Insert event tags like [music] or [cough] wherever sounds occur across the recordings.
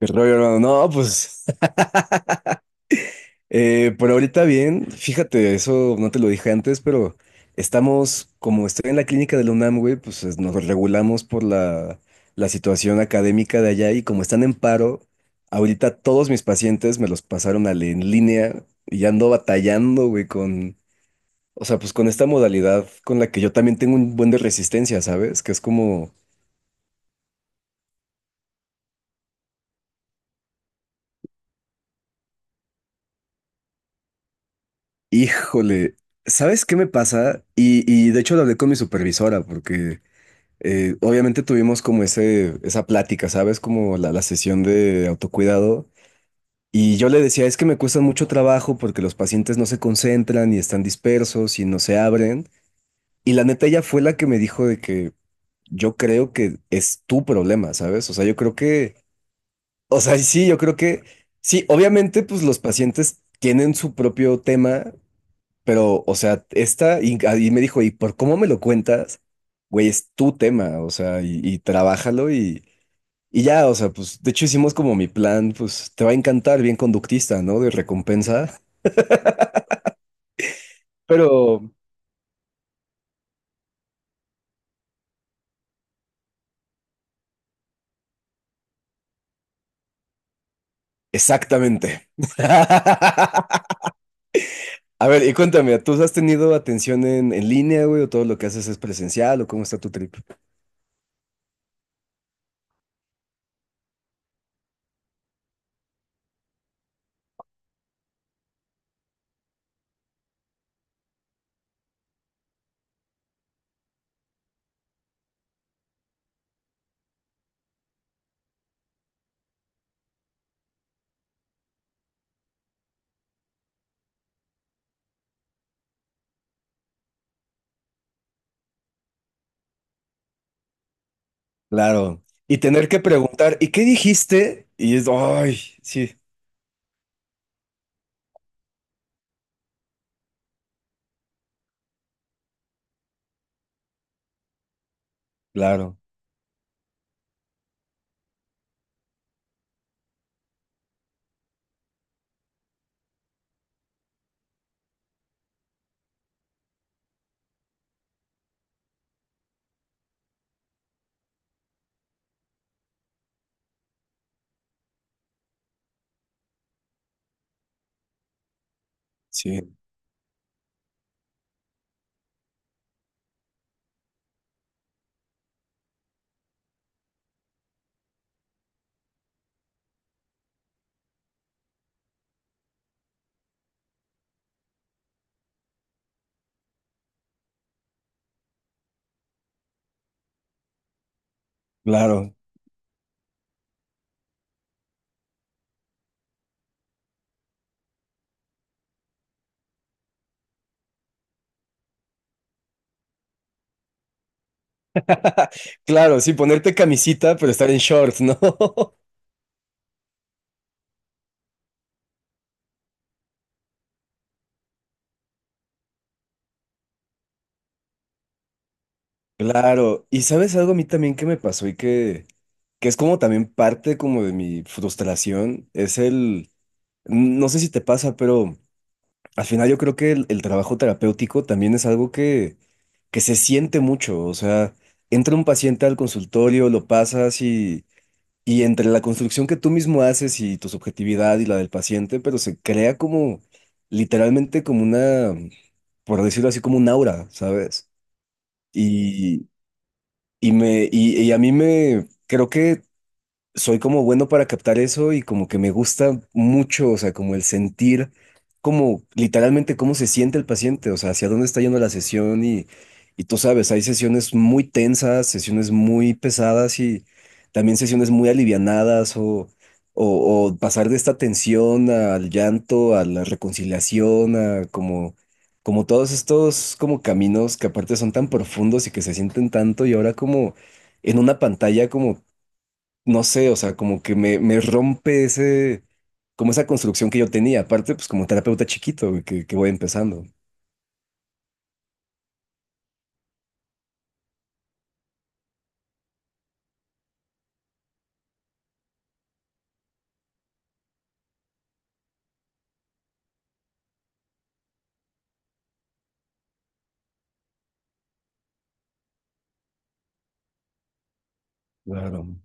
¿Qué rollo, hermano? No, pues [laughs] por ahorita bien, fíjate, eso no te lo dije antes, pero estamos, como estoy en la clínica de la UNAM, güey, pues nos regulamos por la situación académica de allá y como están en paro, ahorita todos mis pacientes me los pasaron al en línea y ya ando batallando, güey, con, o sea, pues con esta modalidad con la que yo también tengo un buen de resistencia, ¿sabes? Que es como, híjole, ¿sabes qué me pasa? Y de hecho lo hablé con mi supervisora porque... obviamente tuvimos como esa plática, ¿sabes? Como la sesión de autocuidado. Y yo le decía, es que me cuesta mucho trabajo porque los pacientes no se concentran y están dispersos y no se abren. Y la neta ella fue la que me dijo de que yo creo que es tu problema, ¿sabes? O sea, yo creo que, o sea, sí, yo creo que, sí, obviamente pues los pacientes tienen su propio tema, pero, o sea, esta, y me dijo, ¿y por cómo me lo cuentas? Güey, es tu tema, o sea, y trabájalo y... Y ya, o sea, pues de hecho hicimos como mi plan, pues te va a encantar, bien conductista, ¿no? De recompensa, pero exactamente. [laughs] A ver, y cuéntame, ¿tú has tenido atención en línea, güey, o todo lo que haces es presencial, o cómo está tu trip? Claro. Y tener que preguntar, ¿y qué dijiste? Y es, ay, sí, claro, sí, claro. Claro, sí, ponerte camisita, pero estar en shorts, ¿no? [laughs] Claro, y sabes algo a mí también que me pasó y que es como también parte como de mi frustración, es el, no sé si te pasa, pero al final yo creo que el trabajo terapéutico también es algo que se siente mucho, o sea, entra un paciente al consultorio, lo pasas y entre la construcción que tú mismo haces y tu subjetividad y la del paciente, pero se crea como literalmente como una, por decirlo así, como un aura, ¿sabes? y y me, y a mí me, creo que soy como bueno para captar eso y como que me gusta mucho, o sea, como el sentir, como literalmente cómo se siente el paciente, o sea, hacia dónde está yendo la sesión y tú sabes, hay sesiones muy tensas, sesiones muy pesadas y también sesiones muy alivianadas o, o pasar de esta tensión al llanto, a la reconciliación, a como... Como todos estos como caminos que aparte son tan profundos y que se sienten tanto y ahora como en una pantalla como no sé, o sea, como que me rompe ese, como esa construcción que yo tenía. Aparte, pues como terapeuta chiquito güey, que voy empezando. Claro.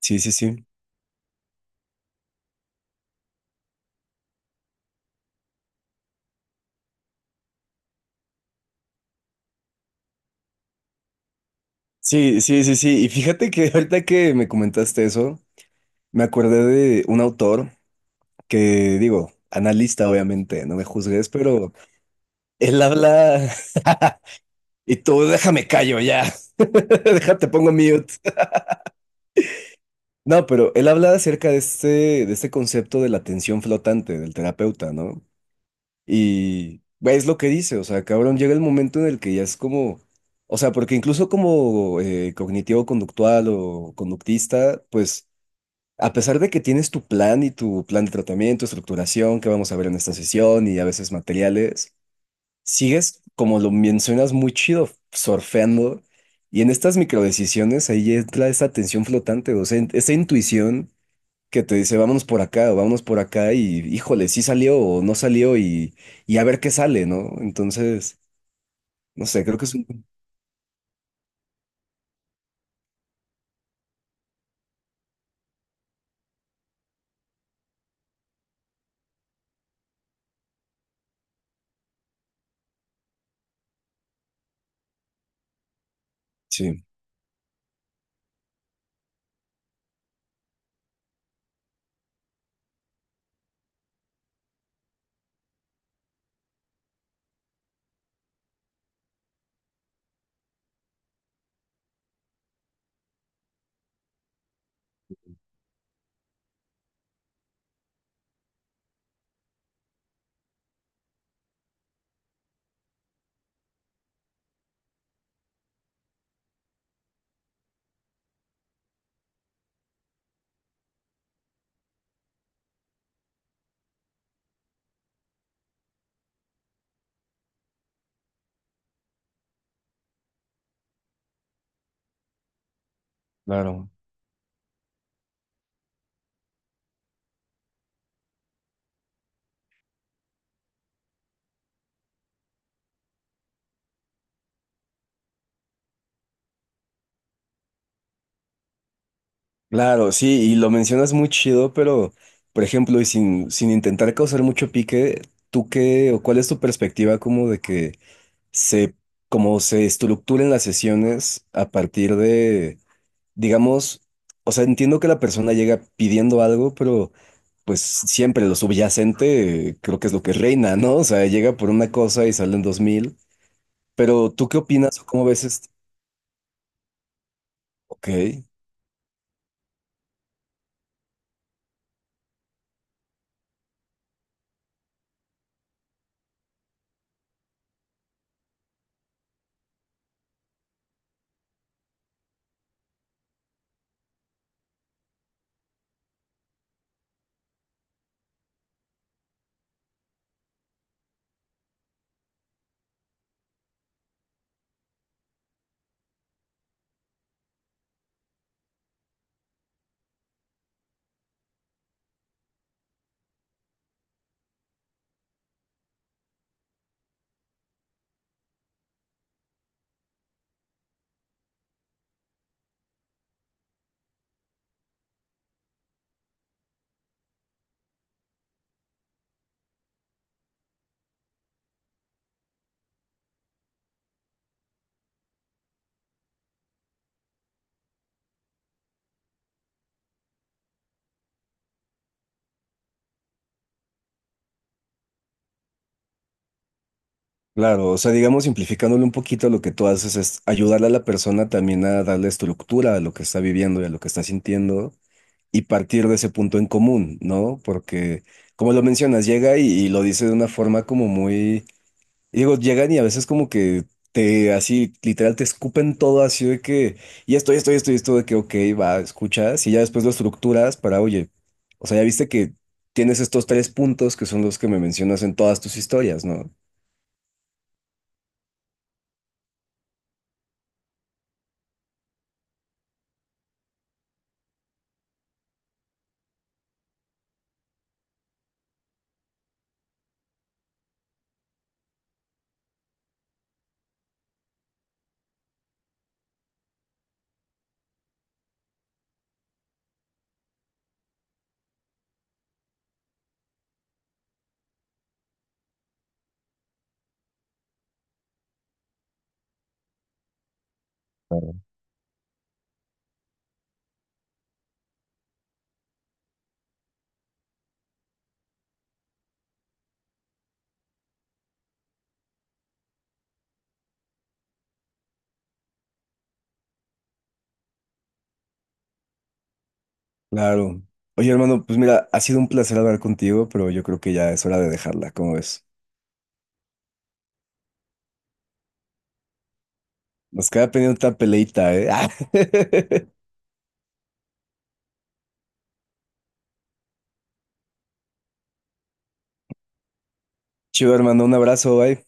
Sí, sí, sí. Sí, sí, sí, sí. Sí. Y fíjate que [laughs] ahorita que me comentaste eso, me acordé de un autor que, digo, analista, obviamente, no me juzgues, pero él habla [laughs] y tú déjame callo ya. [laughs] Déjate, pongo mute. [laughs] No, pero él habla acerca de este concepto de la atención flotante del terapeuta, ¿no? Y güey, es lo que dice, o sea, cabrón, llega el momento en el que ya es como, o sea, porque incluso como cognitivo-conductual o conductista, pues a pesar de que tienes tu plan y tu plan de tratamiento, estructuración, que vamos a ver en esta sesión y a veces materiales, sigues, como lo mencionas, muy chido, surfeando. Y en estas microdecisiones ahí entra esa tensión flotante, o sea, esa intuición que te dice, vámonos por acá o vámonos por acá y híjole, sí salió o no salió y a ver qué sale, ¿no? Entonces, no sé, creo que es un... Sí, claro. Claro, sí, y lo mencionas muy chido, pero, por ejemplo, y sin intentar causar mucho pique, ¿tú qué o cuál es tu perspectiva como de que se, como se estructuren las sesiones a partir de digamos, o sea, entiendo que la persona llega pidiendo algo, pero pues siempre lo subyacente creo que es lo que reina, ¿no? O sea, llega por una cosa y salen 2000. Pero ¿tú qué opinas o cómo ves esto? Ok, claro, o sea, digamos, simplificándole un poquito lo que tú haces es ayudarle a la persona también a darle estructura a lo que está viviendo y a lo que está sintiendo y partir de ese punto en común, ¿no? Porque, como lo mencionas, llega y lo dice de una forma como muy. Y digo, llegan y a veces como que te, así, literal, te escupen todo así de que, y esto, y esto, y esto, y esto, de que, ok, va, escuchas, y ya después lo estructuras para, oye, o sea, ya viste que tienes estos tres puntos que son los que me mencionas en todas tus historias, ¿no? Claro. Claro. Oye, hermano, pues mira, ha sido un placer hablar contigo, pero yo creo que ya es hora de dejarla, ¿cómo ves? Nos queda pendiente otra peleita, ¿eh? [laughs] Chido, hermano, un abrazo, bye.